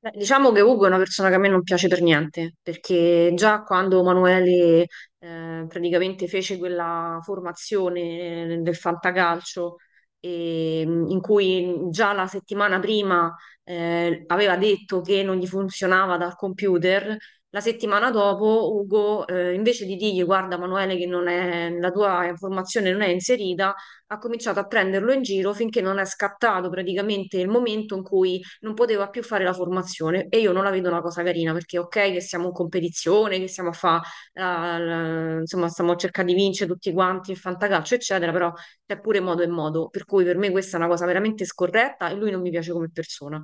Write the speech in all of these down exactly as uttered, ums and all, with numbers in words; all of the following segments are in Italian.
Beh, diciamo che Ugo è una persona che a me non piace per niente, perché già quando Emanuele eh, praticamente fece quella formazione del fantacalcio, e- in cui già la settimana prima eh, aveva detto che non gli funzionava dal computer, la settimana dopo Ugo, eh, invece di dirgli guarda Emanuele che non è- la tua formazione non è inserita, ha cominciato a prenderlo in giro finché non è scattato praticamente il momento in cui non poteva più fare la formazione e io non la vedo una cosa carina perché ok che siamo in competizione, che stiamo a fa, la- la- insomma stiamo cercando di vincere tutti quanti il fantacalcio eccetera, però c'è pure modo e modo, per cui per me questa è una cosa veramente scorretta e lui non mi piace come persona.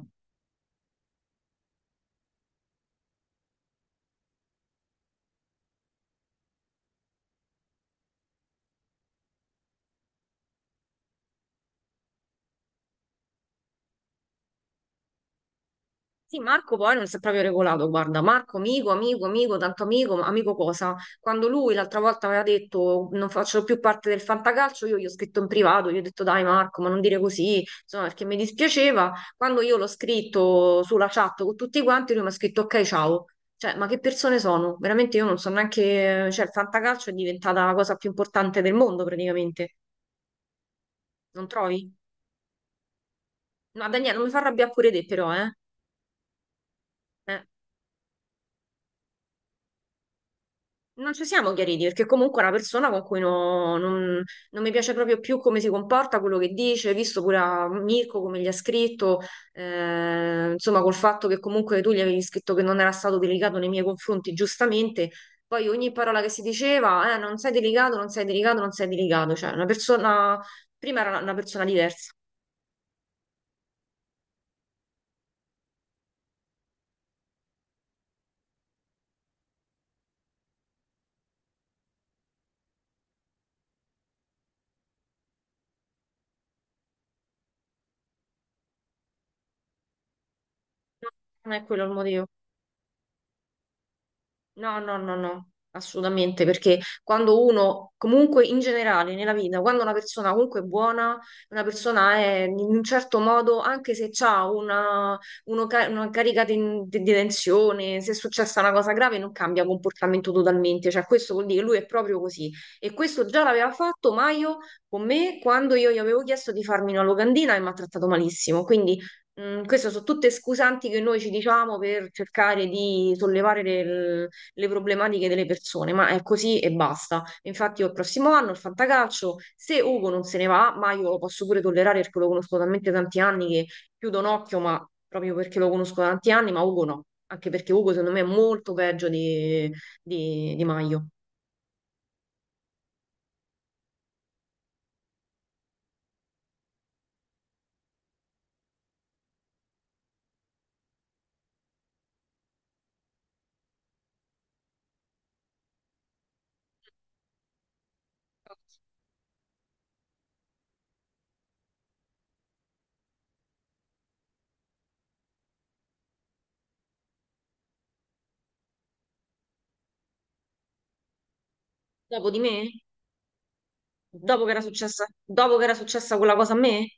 Sì, Marco poi non si è proprio regolato, guarda, Marco amico, amico, amico, tanto amico, ma amico cosa? Quando lui l'altra volta aveva detto non faccio più parte del fantacalcio, io gli ho scritto in privato, gli ho detto dai Marco, ma non dire così, insomma, perché mi dispiaceva. Quando io l'ho scritto sulla chat con tutti quanti, lui mi ha scritto ok, ciao. Cioè, ma che persone sono? Veramente io non so neanche, cioè il fantacalcio è diventata la cosa più importante del mondo praticamente, non trovi? No, Daniele, non mi fa arrabbiare pure te però, eh? Eh. Non ci siamo chiariti perché comunque è una persona con cui no- non, non mi piace proprio più come si comporta, quello che dice, visto pure a Mirko come gli ha scritto, eh, insomma col fatto che comunque tu gli avevi scritto che non era stato delicato nei miei confronti, giustamente, poi ogni parola che si diceva, eh, non sei delicato, non sei delicato, non sei delicato, cioè una persona, prima era una, una persona diversa, non è quello il motivo. No, no, no, no, assolutamente, perché quando uno, comunque in generale nella vita, quando una persona comunque è buona, una persona è in un certo modo, anche se ha una, uno ca- una carica di, di- di tensione, se è successa una cosa grave, non cambia comportamento totalmente, cioè questo vuol dire che lui è proprio così. E questo già l'aveva fatto Maio con me quando io gli avevo chiesto di farmi una locandina e mi ha trattato malissimo, quindi... Mm, queste sono tutte scusanti che noi ci diciamo per cercare di sollevare del- le problematiche delle persone, ma è così e basta. Infatti, io il prossimo anno il fantacalcio, se Ugo non se ne va, ma io lo posso pure tollerare perché lo conosco talmente tanti anni che chiudo un occhio, ma proprio perché lo conosco da tanti anni, ma Ugo no, anche perché Ugo secondo me è molto peggio di, di, di Maio. Dopo di me? Dopo che era successa, dopo che era successa quella cosa a me?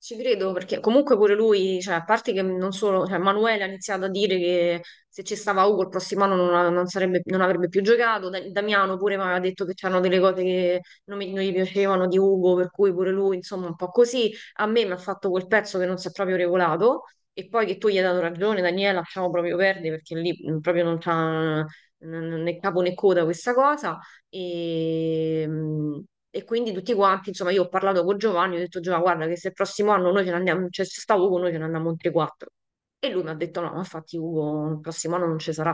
Ci credo perché comunque pure lui, cioè, a parte che non solo, cioè, Manuele ha iniziato a dire che se ci stava Ugo il prossimo anno non, ha- non sarebbe- non avrebbe più giocato, Da- Damiano pure mi aveva detto che c'erano delle cose che non, mi- non gli piacevano di Ugo, per cui pure lui, insomma, un po' così. A me mi ha fatto quel pezzo che non si è proprio regolato e poi che tu gli hai dato ragione, Daniela, lasciamo proprio perdere perché lì mm, proprio non c'ha mm, né capo né coda questa cosa. E, e quindi tutti quanti, insomma, io ho parlato con Giovanni, ho detto Giovanni, guarda che se il prossimo anno noi ce ne andiamo, cioè se sta Ugo noi ce ne andiamo in tre quattro. E lui mi ha detto no, ma infatti Ugo il prossimo anno non ci sarà.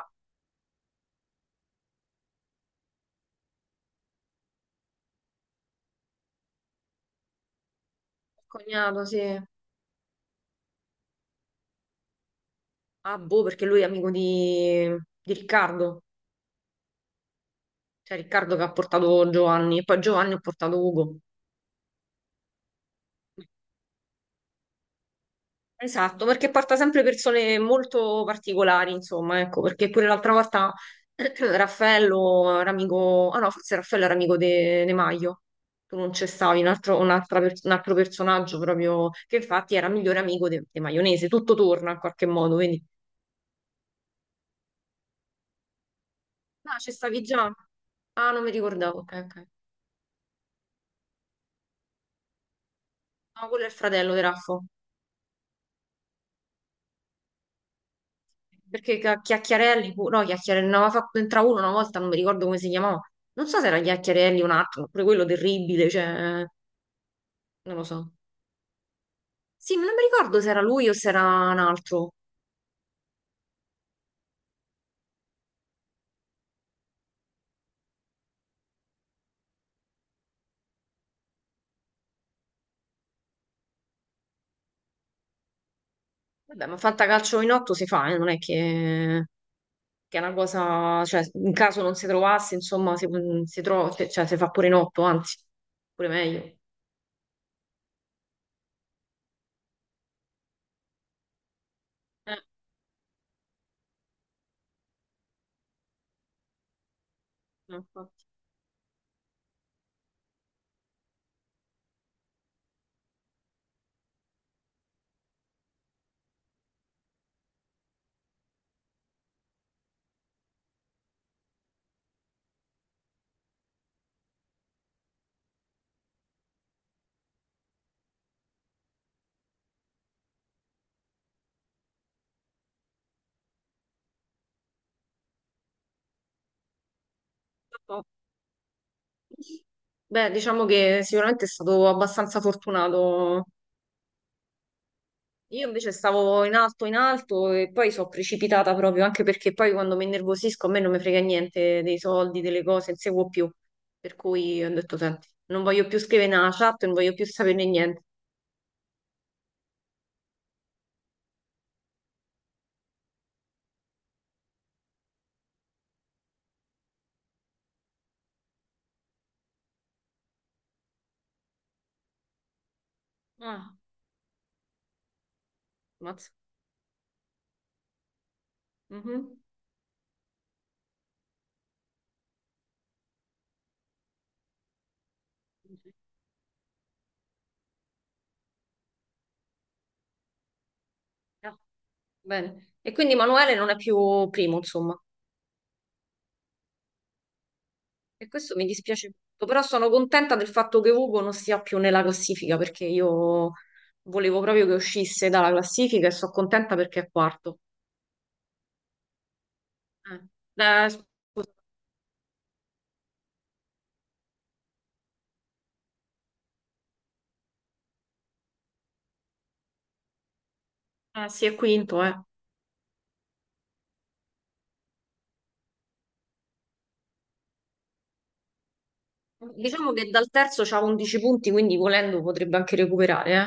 Cognato, sì. Ah, boh, perché lui è amico di, di Riccardo, cioè Riccardo che ha portato Giovanni, e poi Giovanni ha portato Ugo. Esatto, perché porta sempre persone molto particolari, insomma, ecco, perché pure l'altra volta Raffaello era amico, ah no, forse Raffaello era amico de, De Maio, tu non c'è stavi, un altro, un'altra per- un altro personaggio proprio, che infatti era migliore amico de, de Maionese, tutto torna in qualche modo, quindi... No, c'è stavi già? Ah, non mi ricordavo, ok, ok. No, quello è il fratello di Raffo. Perché Ca- Chiacchiarelli, fu- no, Chiacchiarelli, ne aveva fatto entrare uno una volta, non mi ricordo come si chiamava. Non so se era Chiacchiarelli o un altro, pure quello terribile, cioè, non lo so. Sì, ma non mi ricordo se era lui o se era un altro. Vabbè, ma fantacalcio in otto si fa, eh, non è che, che è una cosa, cioè, in caso non si trovasse, insomma, si, mm, si trova, cioè, cioè, si fa pure in otto, anzi, pure meglio. Eh, no, infatti. Beh, diciamo che sicuramente è stato abbastanza fortunato. Io invece stavo in alto, in alto e poi sono precipitata proprio, anche perché poi quando mi innervosisco a me non mi frega niente dei soldi, delle cose, non seguo più. Per cui ho detto, senti, non voglio più scrivere nella chat, non voglio più saperne niente. Ah, mazza. Mhm. Ah, bene. E quindi Manuele non è più primo, insomma. E questo mi dispiace molto, però sono contenta del fatto che Ugo non sia più nella classifica, perché io volevo proprio che uscisse dalla classifica e sono contenta perché è quarto. Eh, eh, scusa, eh, sì, è quinto, eh. Diciamo che dal terzo c'ha undici punti, quindi volendo potrebbe anche recuperare, eh.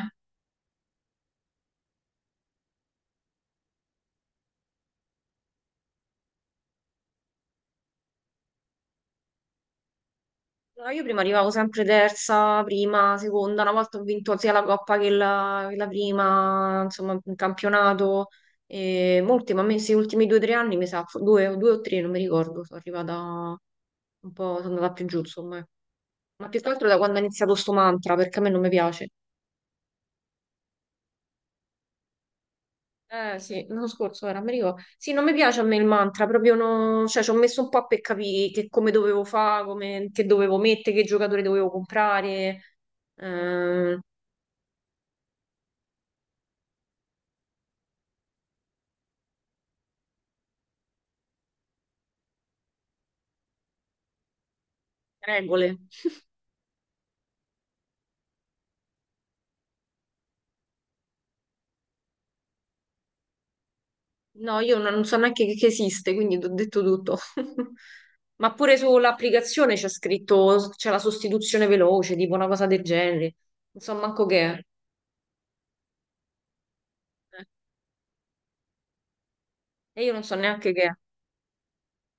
No, io prima arrivavo sempre terza, prima, seconda, una volta ho vinto sia la Coppa che la, che la prima, insomma, un campionato. E molti, ma a me questi ultimi due o tre anni, mi sa, fo- due, o- due o tre, non mi ricordo, sono arrivata un po', sono andata più giù, insomma. Eh. Ma più che altro da quando è iniziato sto mantra, perché a me non mi piace. Eh sì, l'anno scorso era, mi ricordo. Sì, non mi piace a me il mantra, proprio no... Cioè, ci ho messo un po' per capire che come dovevo fare, come... che dovevo mettere, che giocatore dovevo comprare, ehm, regole. No, io non non so neanche che che esiste, quindi ti ho detto tutto. Ma pure sull'applicazione c'è scritto, c'è la sostituzione veloce, tipo una cosa del genere. Non so manco che è. Eh, E io non so neanche che è.